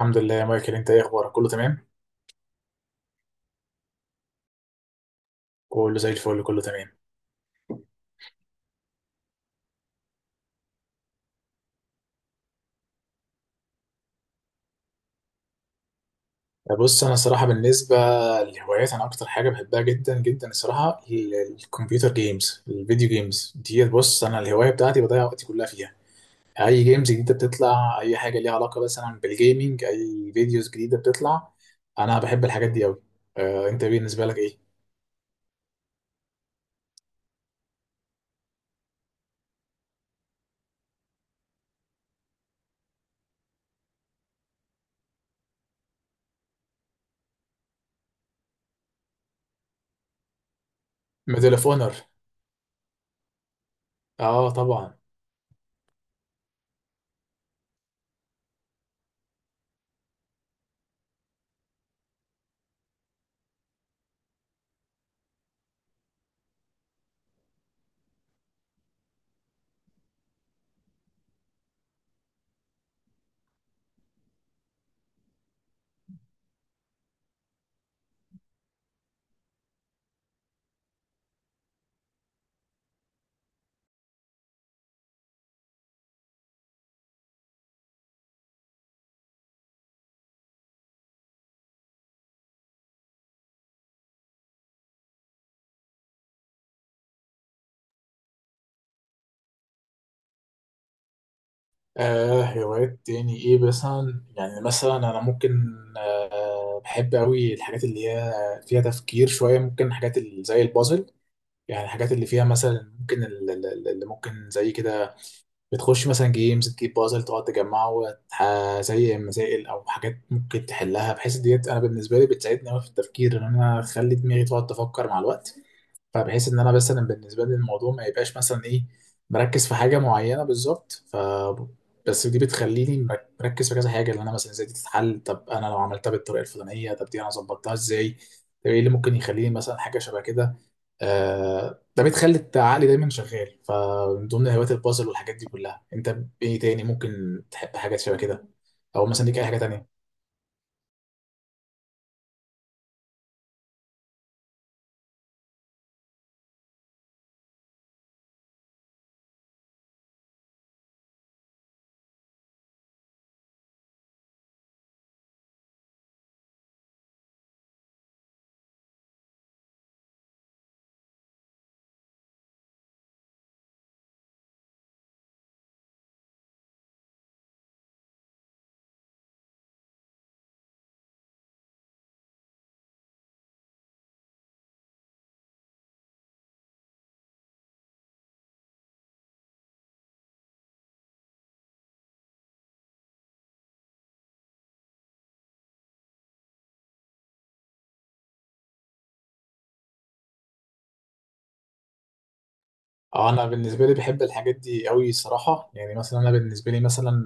الحمد لله يا مايكل، انت ايه اخبارك؟ كله تمام. كله زي الفل، كله تمام. بص انا الصراحه بالنسبه للهوايات، انا اكتر حاجه بحبها جدا جدا الصراحه الكمبيوتر جيمز، الفيديو جيمز دي. بص انا الهوايه بتاعتي بضيع وقتي كلها فيها. اي جيمز جديده بتطلع، اي حاجه ليها علاقه مثلا بالجيمنج، اي فيديوز جديده بتطلع، انا بحب الحاجات دي قوي. آه، انت بالنسبه لك ايه؟ ميدل اوف اونر. اه طبعا. هوايات يعني ايه مثلا، يعني مثلا انا ممكن بحب قوي الحاجات اللي هي فيها تفكير شويه، ممكن حاجات اللي زي البازل. يعني الحاجات اللي فيها مثلا ممكن، اللي ممكن زي كده، بتخش مثلا جيمز تجيب بازل تقعد تجمعه زي مسائل او حاجات ممكن تحلها، بحيث ديت انا بالنسبه لي بتساعدني قوي في التفكير ان انا اخلي دماغي تقعد تفكر مع الوقت. فبحيث ان انا مثلا بالنسبه لي الموضوع ما يبقاش مثلا ايه، مركز في حاجه معينه بالظبط. بس دي بتخليني مركز في كذا حاجه، اللي انا مثلا ازاي دي تتحل، طب انا لو عملتها بالطريقه الفلانيه، طب دي انا ظبطتها ازاي، طب ايه اللي ممكن يخليني مثلا حاجه شبه كده. ده بتخلي عقلي دايما شغال. فمن ضمن هوايات البازل والحاجات دي كلها، انت ايه تاني ممكن تحب، حاجات شبه كده، او مثلا ليك اي حاجه تانية؟ اه، انا بالنسبه لي بحب الحاجات دي قوي صراحه. يعني مثلا انا بالنسبه لي مثلا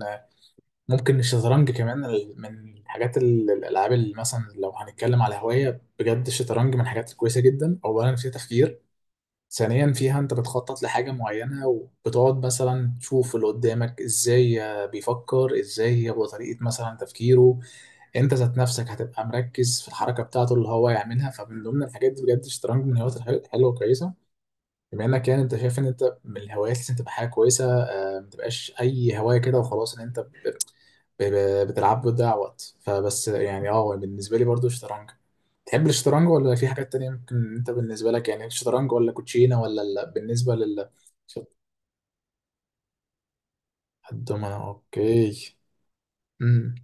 ممكن الشطرنج كمان، من الحاجات، الالعاب اللي مثلا لو هنتكلم على هوايه بجد، الشطرنج من الحاجات الكويسه جدا، اولا فيها تفكير، ثانيا فيها انت بتخطط لحاجه معينه وبتقعد مثلا تشوف اللي قدامك ازاي بيفكر، ازاي هو طريقه مثلا تفكيره، انت ذات نفسك هتبقى مركز في الحركه بتاعته اللي هو يعملها. فمن ضمن الحاجات دي بجد الشطرنج من الهوايات الحلوه وكويسه. بما انك يعني انت شايف ان انت من الهوايات لازم تبقى حاجه كويسه، ما تبقاش اي هوايه كده وخلاص ان انت بتلعب وتضيع وقت. فبس يعني اه، بالنسبة لي برضو الشطرنج. تحب الشطرنج ولا في حاجات تانية، ممكن انت بالنسبة لك، يعني الشطرنج ولا كوتشينة ولا بالنسبة الدومنة، اوكي. امم.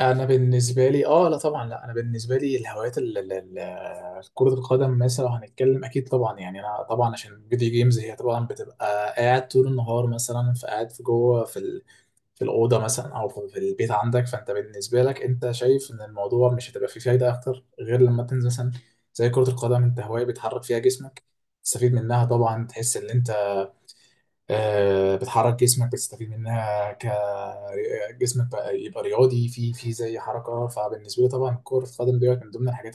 انا بالنسبة لي اه، لا طبعا لا، انا بالنسبة لي الهوايات، كرة القدم مثلا لو هنتكلم اكيد طبعا. يعني انا طبعا عشان فيديو جيمز هي طبعا بتبقى قاعد طول النهار مثلا، فقاعد في جوه في في الأوضة مثلا، أو في البيت عندك. فأنت بالنسبة لك أنت شايف إن الموضوع مش هتبقى فيه فايدة أكتر غير لما تنزل مثلا زي كرة القدم، أنت هواية بتحرك فيها جسمك، تستفيد منها طبعا، تحس إن أنت بتحرك جسمك، بتستفيد منها جسمك بقى يبقى رياضي، في زي حركة. فبالنسبة لي طبعا كرة القدم ديت من ضمن الحاجات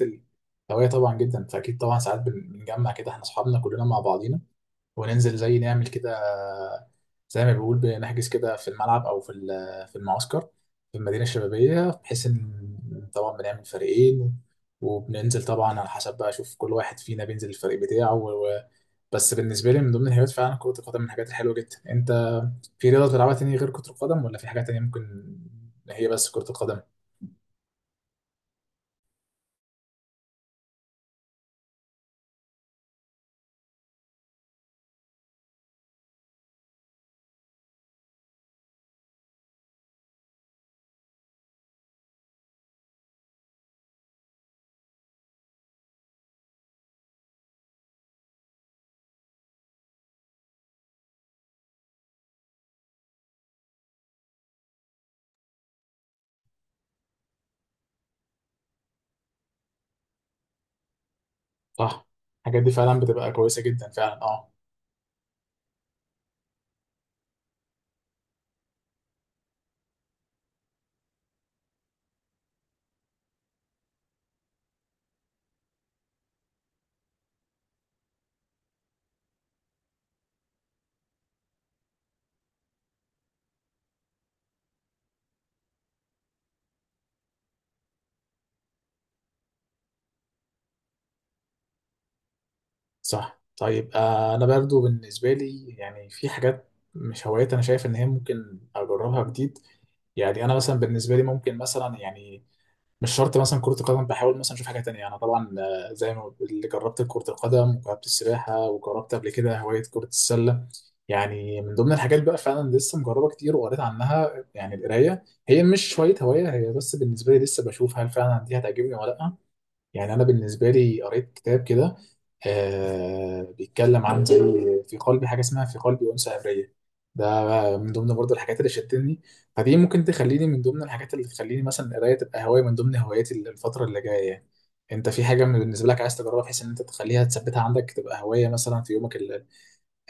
الهواية طبعا جدا. فأكيد طبعا ساعات بنجمع كده إحنا أصحابنا كلنا مع بعضينا وننزل، زي نعمل كده زي ما بيقول، بنحجز كده في الملعب، او في في المعسكر، في المدينه الشبابيه. بحيث ان طبعا بنعمل فريقين، وبننزل طبعا على حسب بقى، اشوف كل واحد فينا بينزل الفريق بتاعه بس بالنسبه لي من ضمن الهوايات فعلا كره القدم من الحاجات الحلوه جدا. انت في رياضه بتلعبها تاني غير كره القدم، ولا في حاجه تانيه ممكن، هي بس كره القدم؟ صح. الحاجات دي فعلا بتبقى كويسه جدا فعلا، اه. صح. طيب، انا برضو بالنسبه لي يعني في حاجات، مش هوايات، انا شايف ان هي ممكن اجربها جديد. يعني انا مثلا بالنسبه لي ممكن مثلا يعني مش شرط مثلا كره القدم، بحاول مثلا اشوف حاجه تانية. انا طبعا زي ما اللي جربت كره القدم، وجربت السباحه، وجربت قبل كده هوايه كره السله. يعني من ضمن الحاجات بقى فعلا لسه مجربه كتير، وقريت عنها يعني، القرايه هي مش شويه هوايه، هي بس بالنسبه لي لسه بشوف هل فعلا دي هتعجبني ولا لا. يعني انا بالنسبه لي قريت كتاب كده بيتكلم عن زي في قلبي حاجه، اسمها في قلبي انثى عبريه. ده من ضمن برضه الحاجات اللي شدتني. فدي ممكن تخليني من ضمن الحاجات اللي تخليني مثلا القرايه تبقى هوايه من ضمن هواياتي الفتره اللي جايه، يعني. انت في حاجه، بالنسبه لك عايز تجربها بحيث ان انت تخليها تثبتها عندك تبقى هوايه مثلا في يومك ال-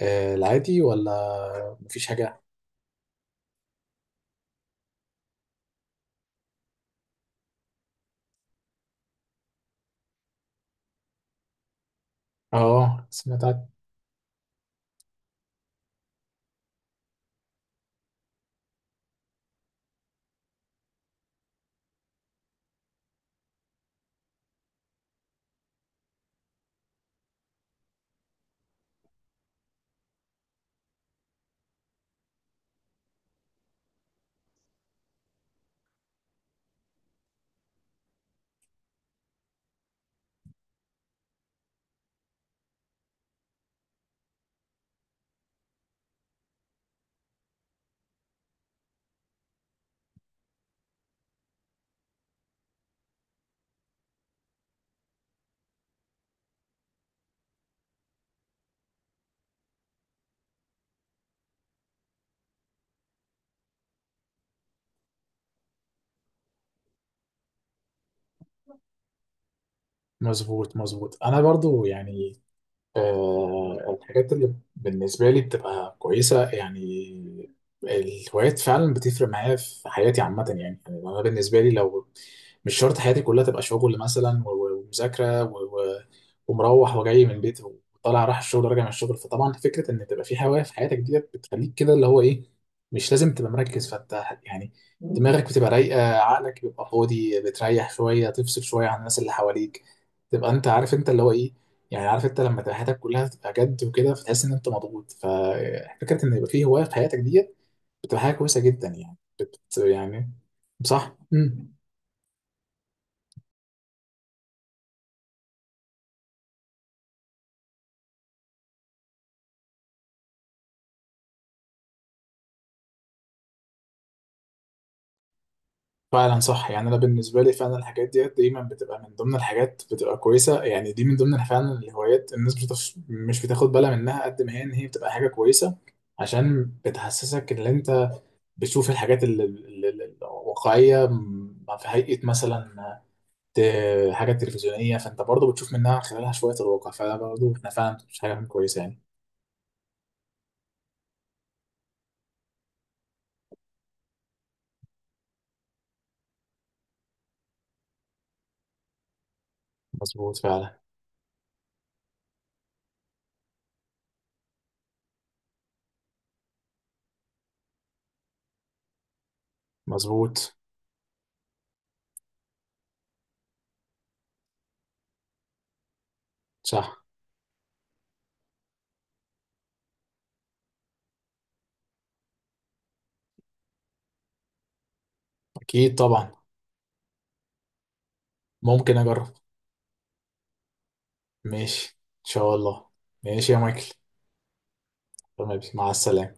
آه، العادي، ولا مفيش حاجه؟ اه سمعت. مظبوط، مظبوط. انا برضو يعني الحاجات اللي بالنسبة لي بتبقى كويسة، يعني الهوايات فعلا بتفرق معايا في حياتي عامة. يعني أنا بالنسبة لي لو، مش شرط حياتي كلها تبقى شغل مثلا ومذاكرة ومروح وجاي من البيت، وطالع راح الشغل وراجع من الشغل. فطبعا فكرة إن تبقى في هواية في حياتك ديت بتخليك كده، اللي هو إيه، مش لازم تبقى مركز، فأنت يعني دماغك بتبقى رايقة، عقلك بيبقى فاضي، بتريح شوية، تفصل شوية عن الناس اللي حواليك، تبقى أنت عارف أنت اللي هو إيه، يعني عارف انت لما تبقى حياتك كلها تبقى جد وكده فتحس ان انت مضغوط. ففكره ان يبقى فيه هوايه في حياتك ديت بتبقى حاجه كويسه جدا، يعني يعني. صح. امم. فعلا صح. يعني انا بالنسبه لي فعلا الحاجات ديت دايما بتبقى من ضمن الحاجات بتبقى كويسه. يعني دي من ضمن فعلا الهوايات، الناس مش بتاخد بالها منها قد ما هي، ان هي بتبقى حاجه كويسه عشان بتحسسك ان انت بتشوف الحاجات الواقعيه في هيئه مثلا حاجة تلفزيونية. فأنت برضه بتشوف منها، من خلالها، شوية الواقع. فده برضه إحنا فعلا مش حاجة كويسة يعني. مظبوط فعلا. مظبوط. صح. أكيد طبعا. ممكن أجرب. ماشي. إن شاء الله. ماشي يا مايكل. تمام، مع السلامة.